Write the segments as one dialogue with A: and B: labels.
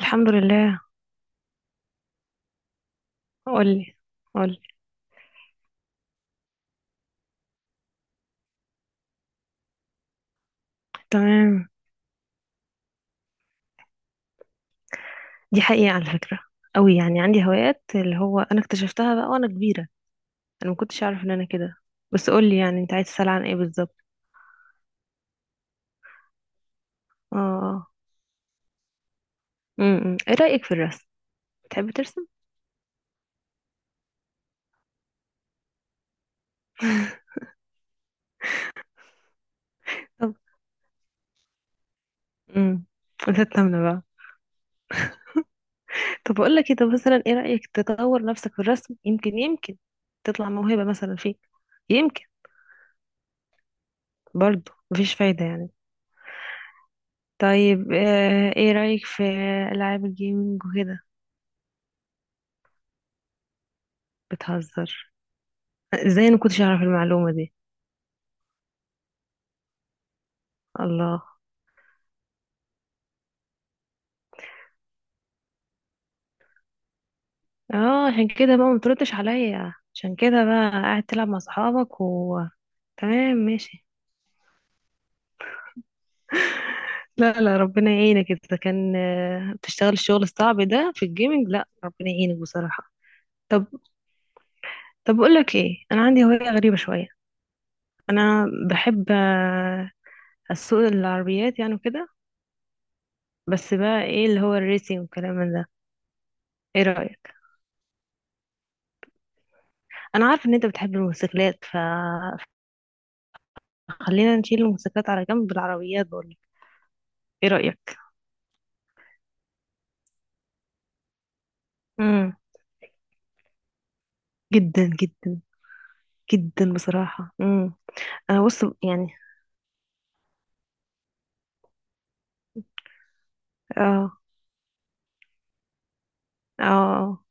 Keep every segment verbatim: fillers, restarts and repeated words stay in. A: الحمد لله. قولي، قولي. تمام. دي حقيقة على فكرة قوي، يعني عندي هوايات اللي هو انا اكتشفتها بقى وانا كبيرة. انا ما كنتش اعرف ان انا كده. بس قولي، يعني انت عايز تسأل عن ايه بالظبط؟ اه، آه. امم ايه رأيك في الرسم؟ بتحب ترسم؟ طب، امم تتمنى بقى. طب اقول لك كده مثلا، ايه رأيك تطور نفسك في الرسم؟ يمكن يمكن تطلع موهبة مثلا فيك. يمكن. برضه مفيش فايدة يعني. طيب، آه، ايه رأيك في ألعاب الجيمنج وكده؟ بتهزر. ازاي انا كنتش اعرف المعلومة دي؟ الله. اه، عشان كده بقى ما تردش عليا، عشان كده بقى قاعد تلعب مع اصحابك و تمام، ماشي. لا، لا، ربنا يعينك، انت كان آه، بتشتغل الشغل الصعب ده في الجيمنج، لا ربنا يعينك بصراحة. طب طب اقول لك ايه، انا عندي هواية غريبة شوية. انا بحب آه، اسوق العربيات يعني وكده. بس بقى ايه اللي هو الريسينج والكلام من ده. ايه رأيك؟ انا عارفه ان انت بتحب الموتوسيكلات، ف... فخلينا نشيل الموتوسيكلات على جنب بالعربيات. ايه رأيك؟ امم. جدا جدا. جدا بصراحة. امم انا بص يعني. اه، اه.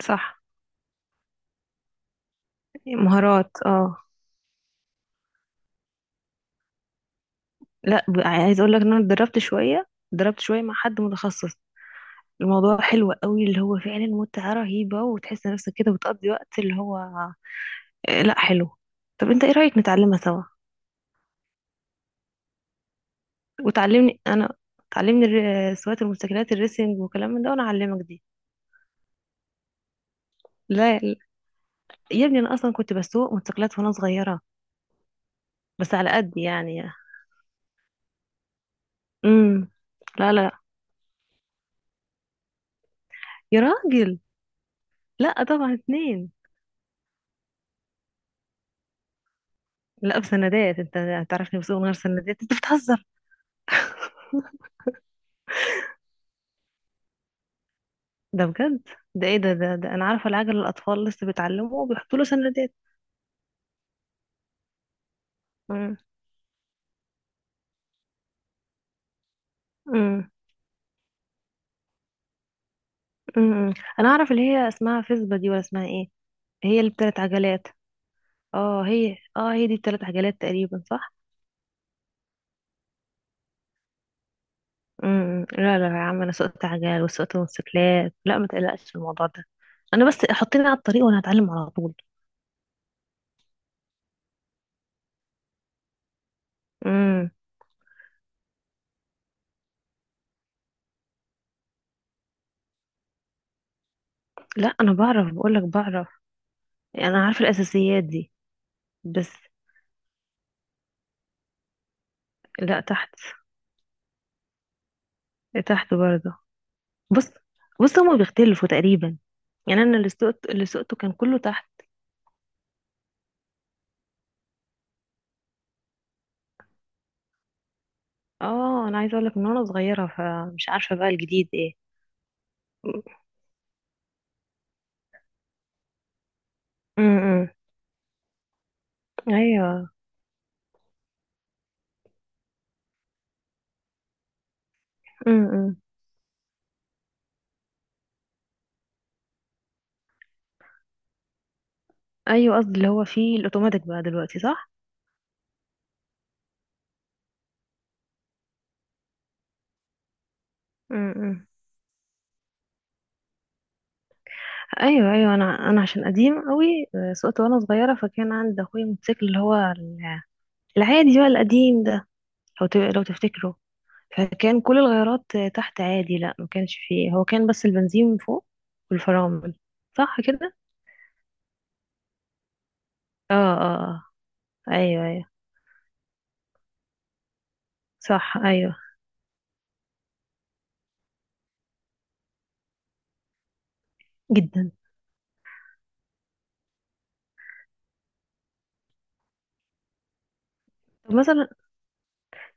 A: صح. مهارات، اه. لا، ب- عايز اقول لك ان انا اتدربت شوية اتدربت شوية مع حد متخصص. الموضوع حلو قوي، اللي هو فعلا متعة رهيبة وتحس نفسك كده بتقضي وقت اللي هو آه، لا حلو. طب انت ايه رأيك نتعلمها سوا؟ وتعلمني انا. تعلمني الر- سواقة الموتوسيكلات الريسنج وكلام من ده، وانا اعلمك دي. لا، لا. يا ابني انا اصلا كنت بسوق موتوسيكلات وانا صغيرة. بس على قد يعني. امم. لا، لا، يا راجل. لا، طبعا اتنين. لا، بسندات؟ انت هتعرفني بسوق من غير سندات، انت بتهزر. ده بجد؟ ده ايه ده؟ ده, ده انا عارفه، العجل الاطفال لسه بيتعلموا وبيحطوا له سندات. امم. امم. امم. انا اعرف اللي هي اسمها فيسبا دي، ولا اسمها ايه؟ هي اللي بتلات عجلات؟ اه هي اه هي دي بتلات عجلات تقريبا، صح؟ امم، امم. لا، لا، يا عم، انا سوقت عجل وسوقت موتوسيكلات، لا ما تقلقش في الموضوع ده. انا بس حطيني على الطريق وانا هتعلم على طول. امم. لا انا بعرف، بقول لك بعرف. يعني انا عارفه الاساسيات دي. بس. لا، تحت. تحت برضه. بص، بص، هما بيختلفوا تقريبا. يعني انا اللي سقت اللي سقته كان كله تحت. اه، انا عايزه اقول لك من وانا صغيره، فمش عارفه بقى الجديد ايه. امم. ايوه. امم. ايوه، قصدي اللي هو فيه الاوتوماتيك بقى دلوقتي، صح؟ امم. ايوه، ايوه، انا انا عشان قديم قوي. آه، سقت وانا صغيره، فكان عندي اخويا موتوسيكل اللي هو ال- العادي بقى القديم ده. لو ت- لو تفتكره. فكان كل الغيارات تحت عادي، لا ما كانش فيه، هو كان بس البنزين من فوق والفرامل. صح كده؟ اه، اه. آه. ايوه، ايوه. صح، ايوه. جدا. طب مثلا.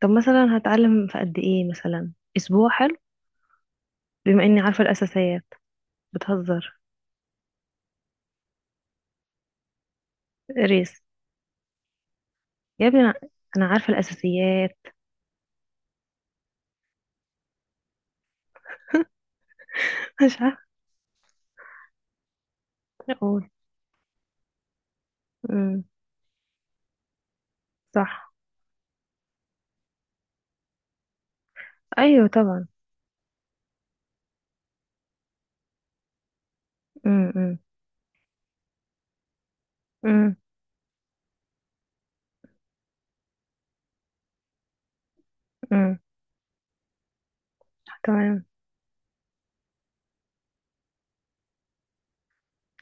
A: طب مثلا هتعلم في قد ايه؟ مثلا اسبوع حلو؟ بما اني عارفه الاساسيات. بتهزر. ريس؟ يا ابني انا أنا عارفه الاساسيات. مش عارفه اقول. امم. صح. ايوه طبعا. امم، امم. امم. أمم. تمام.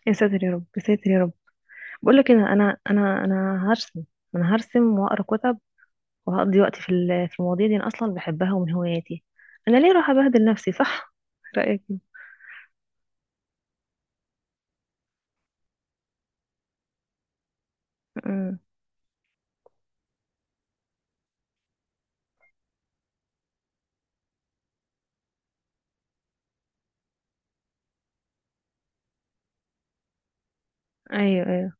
A: يا ساتر يا رب، يا ساتر يا رب. بقول لك إيه، انا انا انا انا هرسم. انا هرسم واقرا كتب. وهقضي وقتي في ال- في المواضيع دي، انا اصلا بحبها ومن هواياتي. انا ليه راح ابهدل نفسي؟ صح؟ رايك إيه؟ أمم. ايوه، ايوه،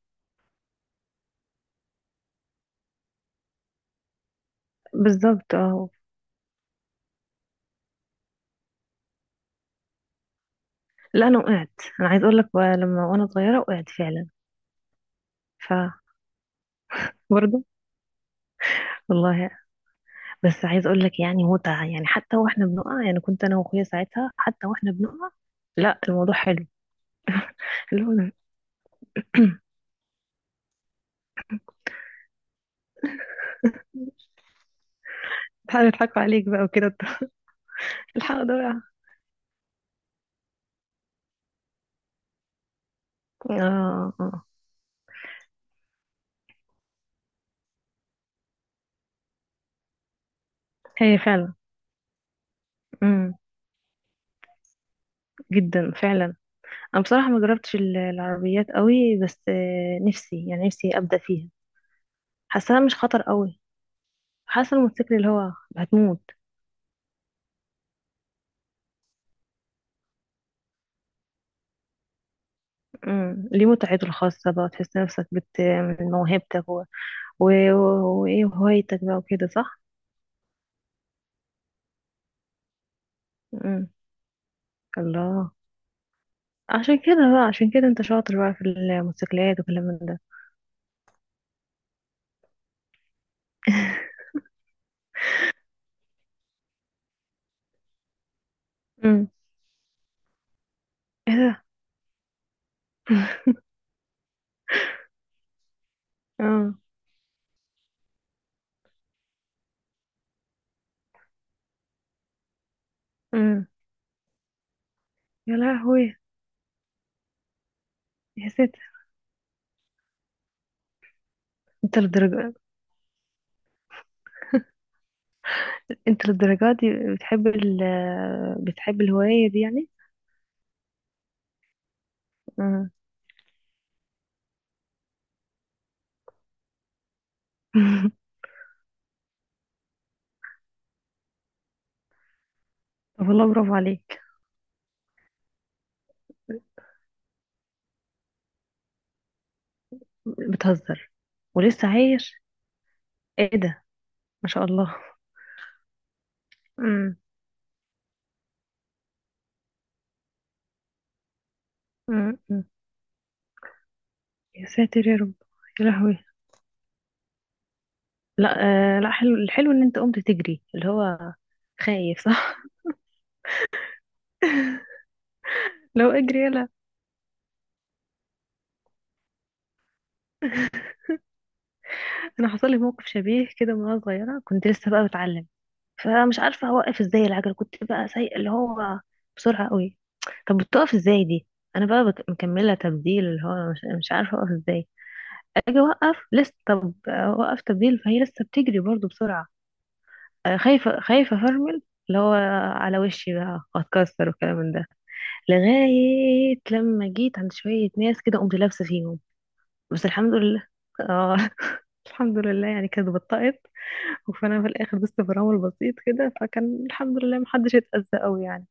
A: بالظبط، اه. لا انا وقعت. انا عايز اقول لك بقى، لما وانا صغيره وقعت فعلا. ف برضه. والله. بس عايز اقول لك يعني متعه، يعني حتى واحنا بنقع، يعني كنت انا واخويا ساعتها حتى واحنا بنقع. لا الموضوع حلو. اللي هو. تعالى نضحكوا عليك بقى وكده. الحق ده وقع. اه، آه. هي. فعلا. جدا فعلا. انا بصراحه ما جربتش ال- العربيات قوي، بس آه، نفسي يعني نفسي ابدا فيها. حاساها مش خطر قوي. حاسه الموتوسيكل اللي هو هتموت. امم، ليه متعته الخاصه بقى، تحس نفسك بت من موهبتك و- و- و- وايه وهوايتك بقى وكده، صح؟ امم. الله. عشان كده بقى عشان كده انت شاطر بقى في الموتوسيكلات وكلام من ده. امم. ايه ده؟ اه. امم. يا لهوي. يا ست. انت للدرجه؟ انت للدرجة دي بتحب ال بتحب الهواية دي يعني؟ آه. طب والله برافو عليك. بتهزر. ولسه عايش؟ ايه ده. ما شاء الله. مم. مم. مم. يا ساتر يا رب. يا لهوي. لا. آه، لا حلو، الحلو ان انت قمت تجري اللي هو خايف، صح؟ لو اجري يلا. انا حصل لي موقف شبيه كده وانا صغيره، كنت لسه بقى بتعلم. فمش عارفة اوقف ازاي العجلة، كنت بقى سايقة اللي هو بسرعة قوي. طب بتقف ازاي دي؟ انا بقى بك- مكملة تبديل، اللي هو مش, مش عارفة اوقف ازاي. اجي اوقف لسه، طب اوقف تبديل، فهي لسه بتجري برضو بسرعة. آه، خايفة خايفة افرمل. اللي هو. على وشي بقى اتكسر والكلام من ده. لغاية لما جيت عند شوية ناس كده قمت لابسة فيهم. بس الحمد لله. اه. الحمد لله يعني كانت بطأت. وفانا في الاخر بس تفرمل بسيط كده، فكان الحمد لله محدش اتأذى قوي يعني.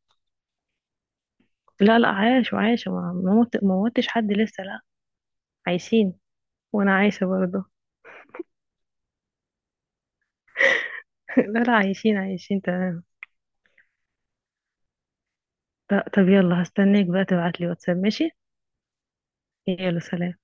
A: لا، لا، عايش وعايشة، ما ما موت ما موتش حد لسه، لا. عايشين. وانا عايشة برضه. لا، لا، عايشين، عايشين، تمام. ط- طب يلا، هستناك بقى تبعتلي واتساب، ماشي. يلا، سلام.